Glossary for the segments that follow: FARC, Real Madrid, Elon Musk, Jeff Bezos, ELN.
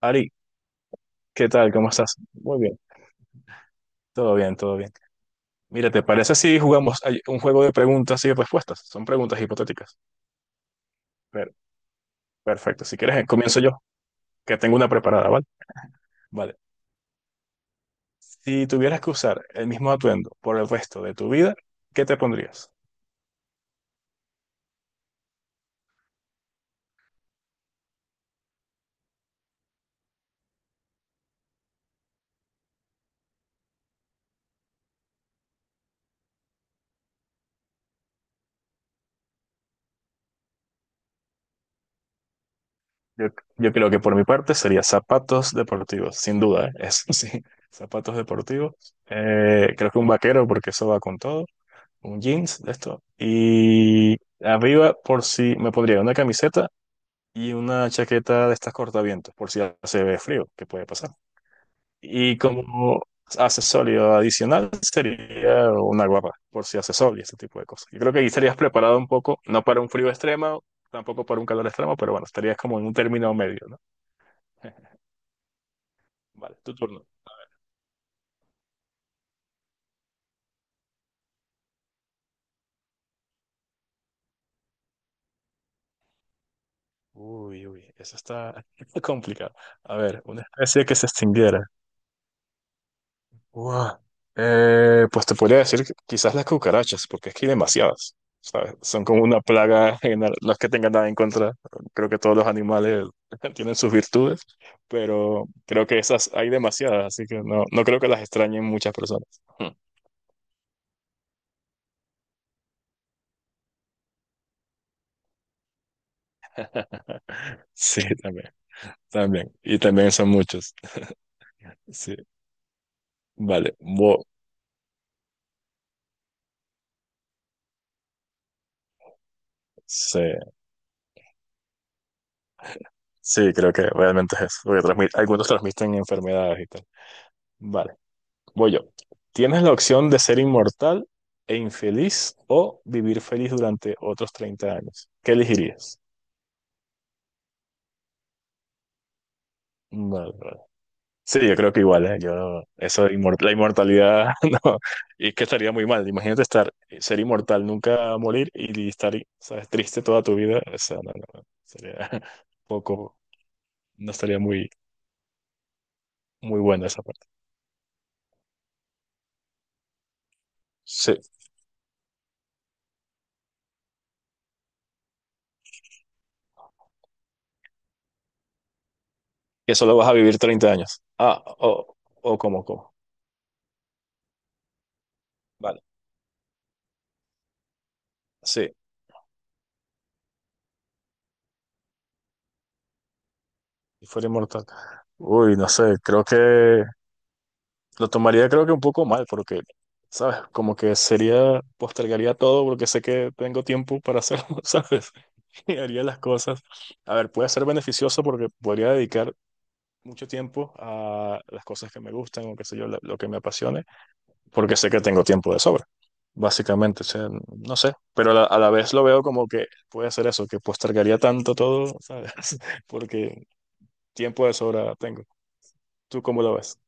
Ari, ¿qué tal? ¿Cómo estás? Muy bien, todo bien, todo bien. Mira, ¿te parece si jugamos un juego de preguntas y respuestas? Son preguntas hipotéticas. Per- perfecto, si quieres, comienzo yo, que tengo una preparada, ¿vale? Vale. Si tuvieras que usar el mismo atuendo por el resto de tu vida, ¿qué te pondrías? Yo, yo creo que por mi parte sería zapatos deportivos, sin duda, ¿eh? Eso sí, zapatos deportivos. Creo que un vaquero, porque eso va con todo. Un jeans, de esto. Y arriba, por si me pondría una camiseta y una chaqueta de estas cortavientos, por si hace ve frío, que puede pasar. Y como accesorio adicional sería una guapa, por si hace sol y ese tipo de cosas. Yo creo que ahí estarías preparado un poco, no para un frío extremo, tampoco para un calor extremo, pero bueno, estarías como en un término medio, ¿no? Vale, tu turno. Uy, uy, eso está complicado. A ver, una especie que se extinguiera. Guau. Pues te podría decir que quizás las cucarachas, porque es que hay demasiadas, ¿sabes? Son como una plaga general. No es que tengan nada en contra, creo que todos los animales tienen sus virtudes, pero creo que esas hay demasiadas, así que no, no creo que las extrañen muchas personas. Hmm. Sí, también, también. Y también son muchos. Sí, vale. Sí, sí, creo que realmente es eso, porque algunos transmiten enfermedades y tal. Vale. Voy yo. Tienes la opción de ser inmortal e infeliz o vivir feliz durante otros 30 años. ¿Qué elegirías? Vale, vale. Sí, yo creo que igual, ¿eh? Yo, eso, la inmortalidad, no, y es que estaría muy mal. Imagínate estar, ser inmortal, nunca morir y estar, ¿sabes?, triste toda tu vida. O sea, no, no, no, sería poco, no estaría muy, muy buena esa parte. Sí, que solo vas a vivir 30 años. Ah, o como. Vale, sí. Y fuera inmortal. Uy, no sé, creo que lo tomaría creo que un poco mal porque, ¿sabes? Como que sería, postergaría todo porque sé que tengo tiempo para hacerlo, ¿sabes? Y haría las cosas. A ver, puede ser beneficioso porque podría dedicar mucho tiempo a las cosas que me gustan o qué sé yo, lo que me apasione, porque sé que tengo tiempo de sobra, básicamente. O sea, no sé, pero a la vez lo veo como que puede ser eso, que postergaría tanto todo, ¿sabes? Porque tiempo de sobra tengo. ¿Tú cómo lo ves?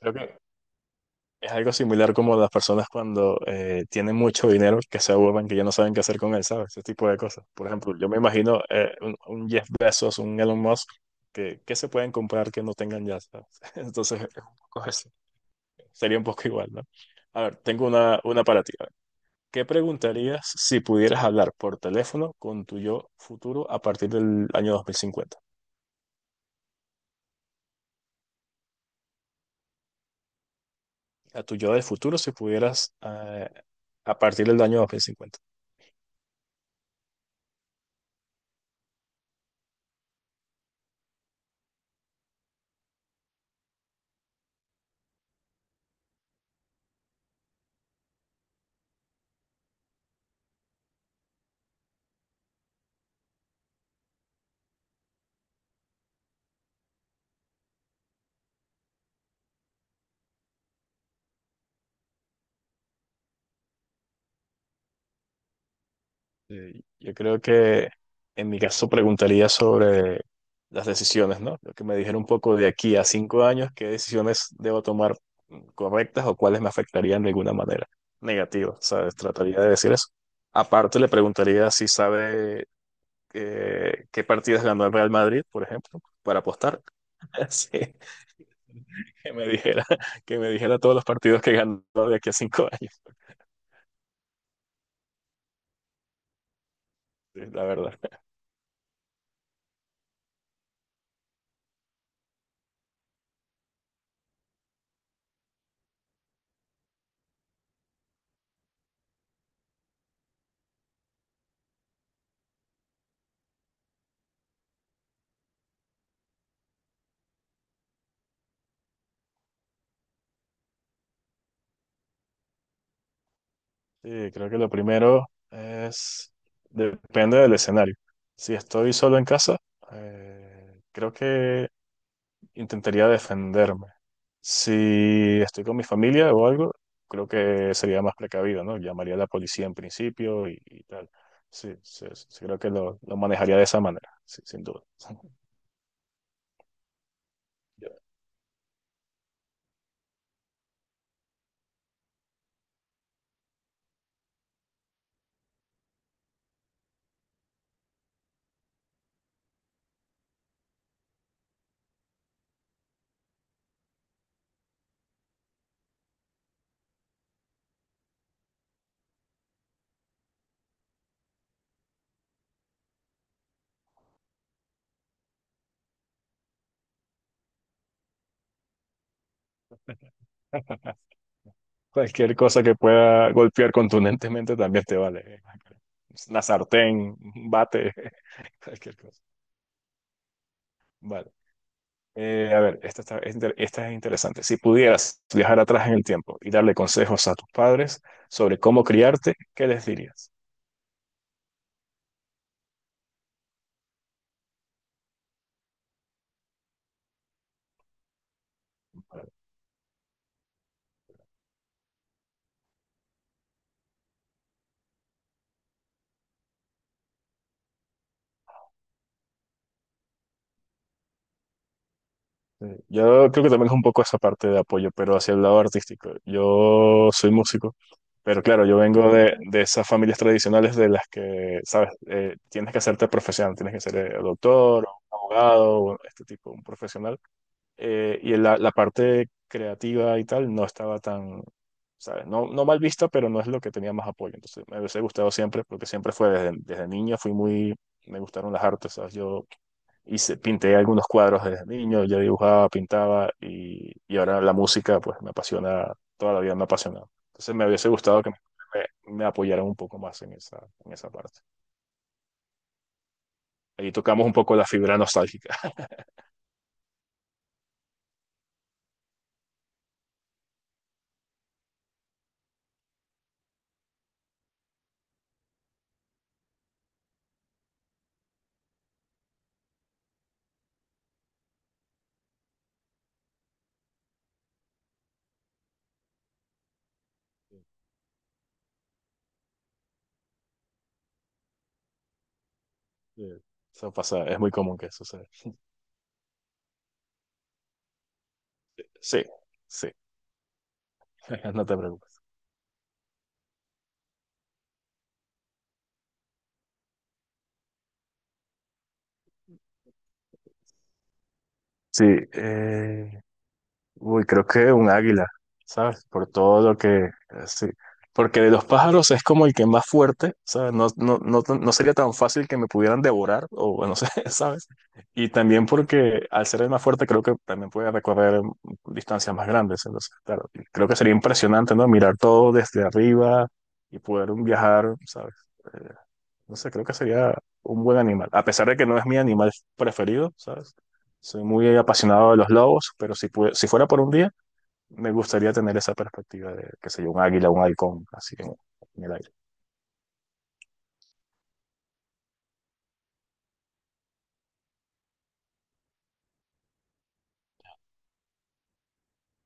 Creo que es algo similar como las personas cuando tienen mucho dinero que se aburren, que ya no saben qué hacer con él, ¿sabes? Ese tipo de cosas. Por ejemplo, yo me imagino un Jeff Bezos, un Elon Musk, que se pueden comprar que no tengan ya, ¿sabes? Entonces, es un poco eso. Sería un poco igual, ¿no? A ver, tengo una para ti. A ver, ¿qué preguntarías si pudieras hablar por teléfono con tu yo futuro a partir del año 2050? A tu yo del futuro si pudieras a partir del año 2050. Sí, yo creo que en mi caso preguntaría sobre las decisiones, ¿no? Lo que me dijeron un poco de aquí a 5 años, qué decisiones debo tomar correctas o cuáles me afectarían de alguna manera negativa, ¿sabes? Trataría de decir eso. Aparte, le preguntaría si sabe qué partidas ganó el Real Madrid, por ejemplo, para apostar. Sí, que me dijera, que me dijera todos los partidos que ganó de aquí a cinco años, sí, la verdad. Sí, creo que lo primero es, depende del escenario. Si estoy solo en casa, creo que intentaría defenderme. Si estoy con mi familia o algo, creo que sería más precavido, ¿no? Llamaría a la policía en principio y tal. Sí, sí, sí, sí, creo que lo manejaría de esa manera, sí, sin duda. Ya. Cualquier cosa que pueda golpear contundentemente también te vale. Una sartén, un bate, cualquier cosa. Vale. A ver, esta es interesante. Si pudieras viajar atrás en el tiempo y darle consejos a tus padres sobre cómo criarte, ¿qué les dirías? Yo creo que también es un poco esa parte de apoyo, pero hacia el lado artístico. Yo soy músico, pero claro, yo vengo de esas familias tradicionales de las que, sabes, tienes que hacerte profesional, tienes que ser doctor, abogado, este tipo, un profesional. Y la parte creativa y tal no estaba tan, ¿sabes?, no, no mal vista, pero no es lo que tenía más apoyo. Entonces me hubiese gustado siempre, porque siempre fue desde niño, fui muy, me gustaron las artes, ¿sabes? Yo hice, pinté algunos cuadros desde niño, yo dibujaba, pintaba y ahora la música, pues me apasiona, toda la vida me ha apasionado. Entonces me hubiese gustado que me apoyaran un poco más en esa, parte. Ahí tocamos un poco la fibra nostálgica. Sí, sí. Eso pasa, es muy común que suceda. Sí, sí. No te preocupes. Sí, eh, uy, creo que un águila, ¿sabes? Por todo lo que, sí. Porque de los pájaros es como el que más fuerte, ¿sabes? No, no, no, no sería tan fácil que me pudieran devorar, o bueno, no sé, ¿sabes? Y también porque al ser el más fuerte creo que también puede recorrer distancias más grandes. Entonces, claro, creo que sería impresionante, ¿no? Mirar todo desde arriba y poder viajar, ¿sabes? Eh, No sé, creo que sería un buen animal. A pesar de que no es mi animal preferido, ¿sabes? Soy muy apasionado de los lobos, pero si, si fuera por un día, me gustaría tener esa perspectiva de, qué sé yo, un águila, un halcón, así en el aire.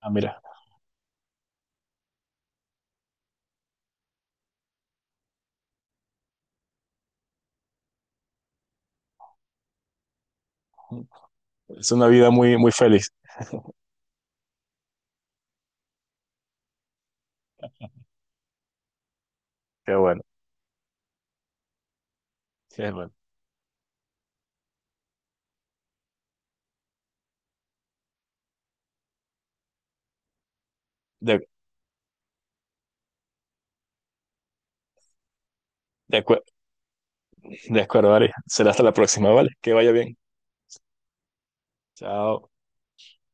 Ah, mira, es una vida muy, muy feliz. Qué bueno, qué bueno. De, de, acue- de acuerdo, Ari. Será hasta la próxima, ¿vale? Que vaya bien. Chao.